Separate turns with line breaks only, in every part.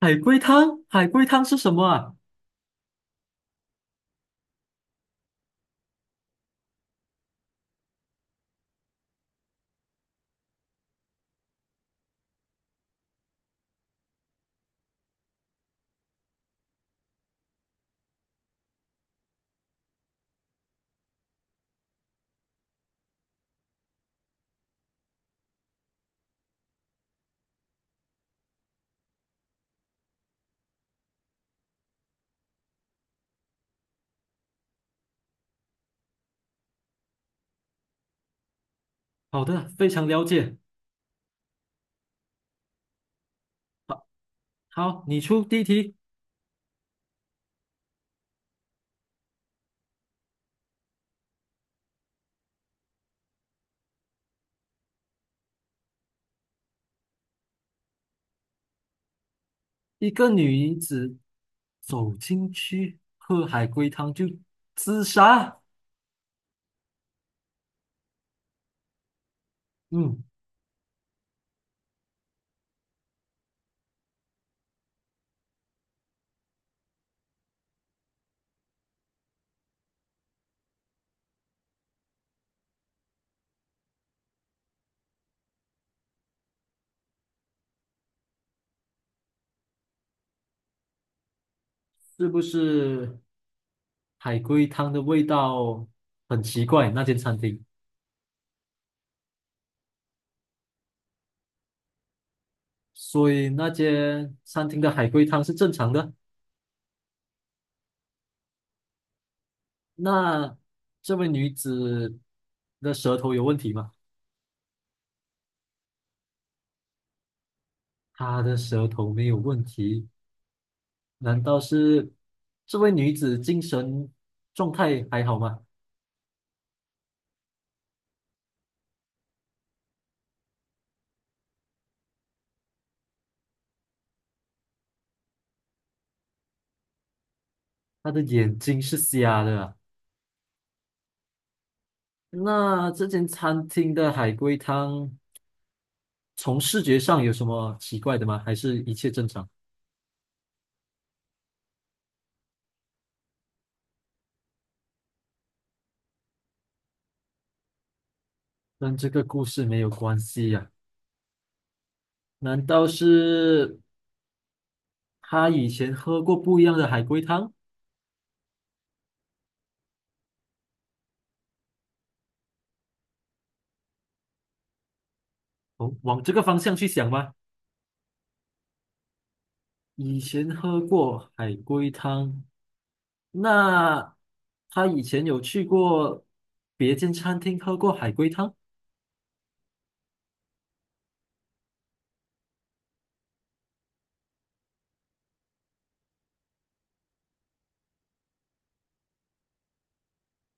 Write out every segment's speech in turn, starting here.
海龟汤，海龟汤是什么啊？好的，非常了解。好，你出第一题。一个女子走进去喝海龟汤就自杀，嗯，是不是海龟汤的味道很奇怪？那间餐厅，所以那间餐厅的海龟汤是正常的。那这位女子的舌头有问题吗？她的舌头没有问题，难道是这位女子精神状态还好吗？她的眼睛是瞎的啊。那这间餐厅的海龟汤从视觉上有什么奇怪的吗？还是一切正常？跟这个故事没有关系呀、难道是她以前喝过不一样的海龟汤？哦，往这个方向去想吗？以前喝过海龟汤，那她以前有去过别间餐厅喝过海龟汤？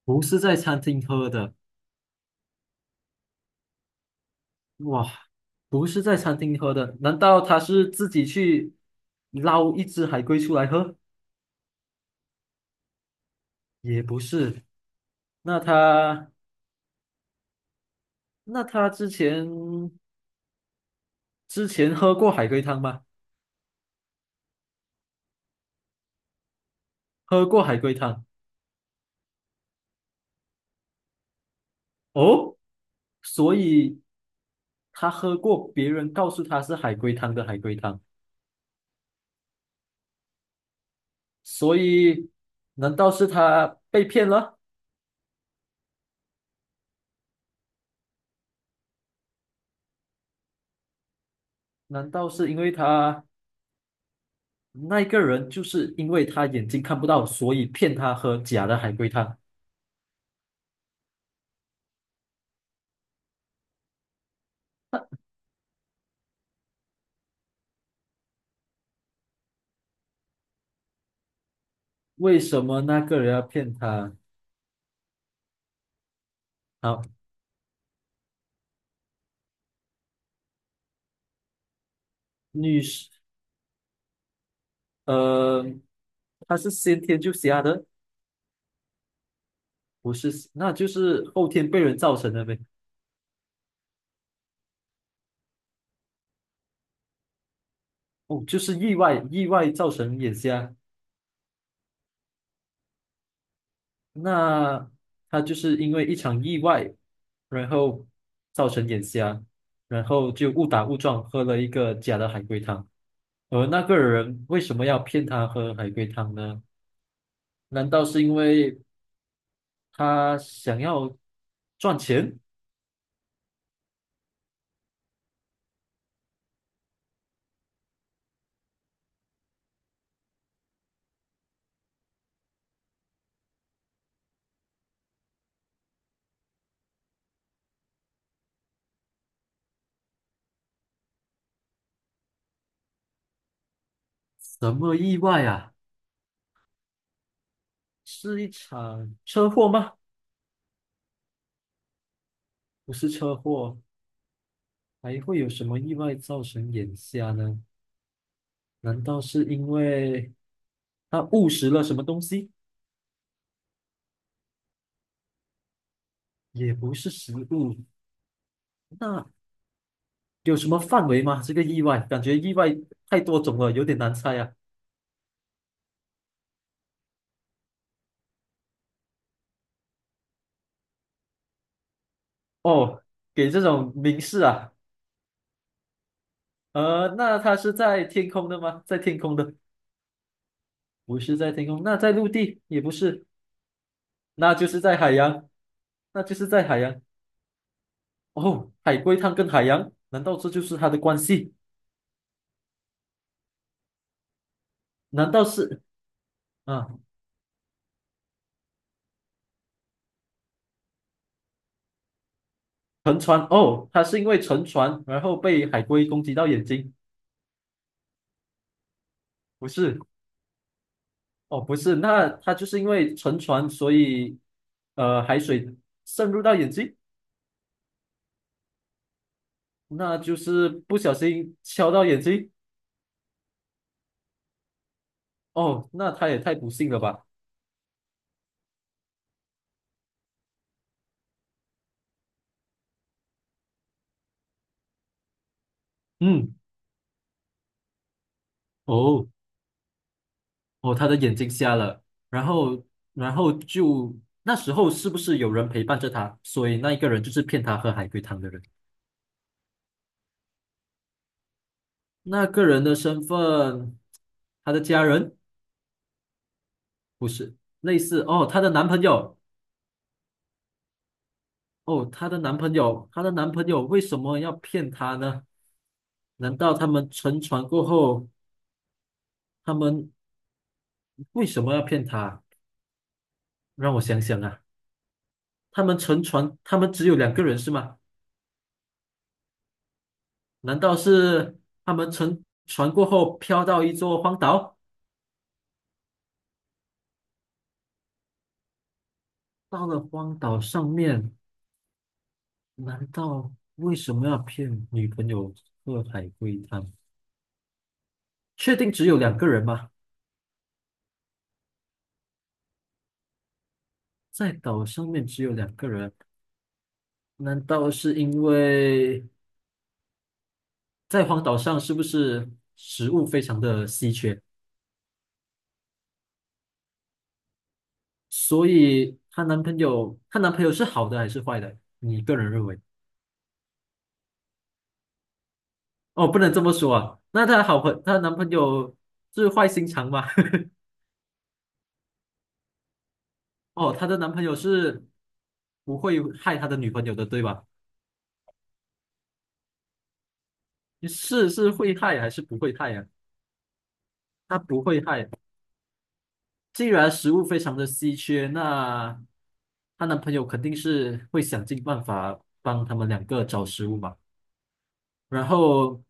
不是在餐厅喝的，哇，不是在餐厅喝的，难道他是自己去捞一只海龟出来喝？也不是，那他那他之前之前喝过海龟汤吗？喝过海龟汤哦，所以他喝过别人告诉他是海龟汤的海龟汤，所以难道是他被骗了？难道是因为他？那一个人就是因为他眼睛看不到，所以骗他喝假的海龟汤。为什么那个人要骗他？好，女士，呃，他是先天就瞎的，不是，那就是后天被人造成的呗。哦，就是意外，意外造成眼瞎。那他就是因为一场意外，然后造成眼瞎，然后就误打误撞喝了一个假的海龟汤。而那个人为什么要骗他喝海龟汤呢？难道是因为他想要赚钱？什么意外啊？是一场车祸吗？不是车祸，还会有什么意外造成眼瞎呢？难道是因为他误食了什么东西？也不是食物，那有什么范围吗？这个意外，感觉意外太多种了，有点难猜啊。哦，给这种明示啊，那他是在天空的吗？在天空的。不是在天空，那在陆地也不是，那就是在海洋，那就是在海洋。哦，海龟汤跟海洋，难道这就是它的关系？难道是啊，沉船？哦，它是因为沉船，然后被海龟攻击到眼睛？不是，哦，不是，那它就是因为沉船，所以海水渗入到眼睛，那就是不小心敲到眼睛。哦，那它也太不幸了吧？嗯，哦。哦，他的眼睛瞎了，然后，然后就那时候是不是有人陪伴着他？所以那一个人就是骗他喝海龟汤的人。那个人的身份，他的家人不是类似哦，她的男朋友哦，她的男朋友，她的男朋友为什么要骗她呢？难道他们乘船过后，他们为什么要骗她？让我想想啊，他们乘船，他们只有两个人是吗？难道是他们乘船过后飘到一座荒岛？到了荒岛上面，难道为什么要骗女朋友喝海龟汤？确定只有两个人吗？在岛上面只有两个人，难道是因为在荒岛上是不是食物非常的稀缺，所以她男朋友，她男朋友是好的还是坏的？你个人认为？哦，不能这么说啊。那她好朋，她男朋友是坏心肠吗？哦，她的男朋友是不会害她的女朋友的，对吧？是是会害还是不会害呀、他不会害。既然食物非常的稀缺，那她男朋友肯定是会想尽办法帮他们两个找食物嘛。然后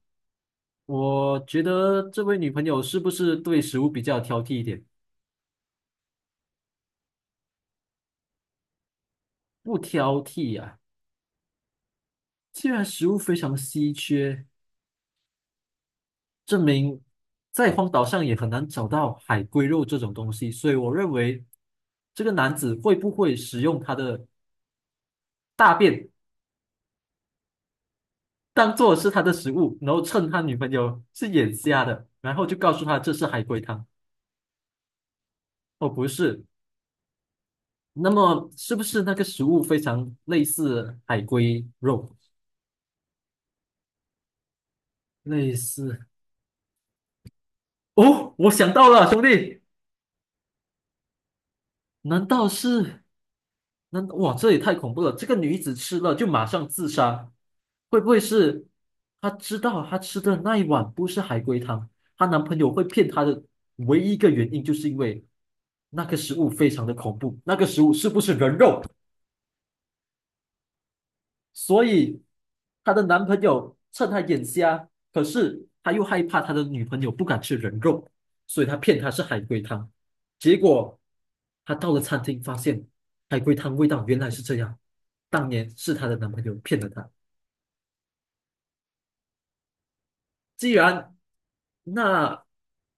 我觉得这位女朋友是不是对食物比较挑剔一点？不挑剔呀、既然食物非常稀缺，证明在荒岛上也很难找到海龟肉这种东西，所以我认为这个男子会不会使用他的大便当做是他的食物，然后趁他女朋友是眼瞎的，然后就告诉他这是海龟汤，哦不是，那么是不是那个食物非常类似海龟肉，类似？哦，我想到了，兄弟，难道是？那哇，这也太恐怖了！这个女子吃了就马上自杀，会不会是她知道她吃的那一碗不是海龟汤，她男朋友会骗她的唯一一个原因就是因为那个食物非常的恐怖，那个食物是不是人肉？所以她的男朋友趁她眼瞎，可是他又害怕他的女朋友不敢吃人肉，所以他骗她是海龟汤。结果她到了餐厅，发现海龟汤味道原来是这样，当年是她的男朋友骗了她。既然那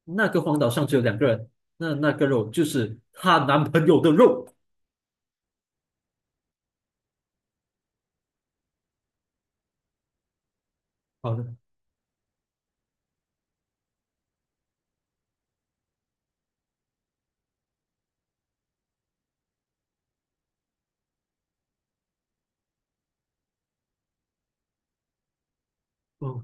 那个荒岛上只有两个人，那那个肉就是她男朋友的肉。好的，哦，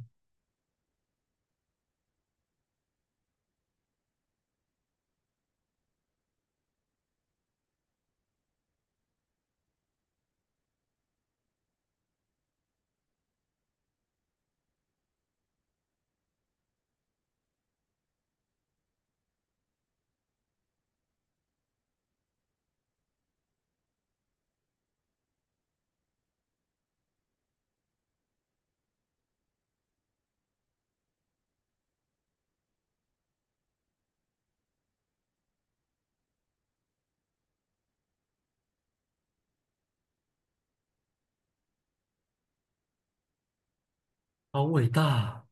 好伟大啊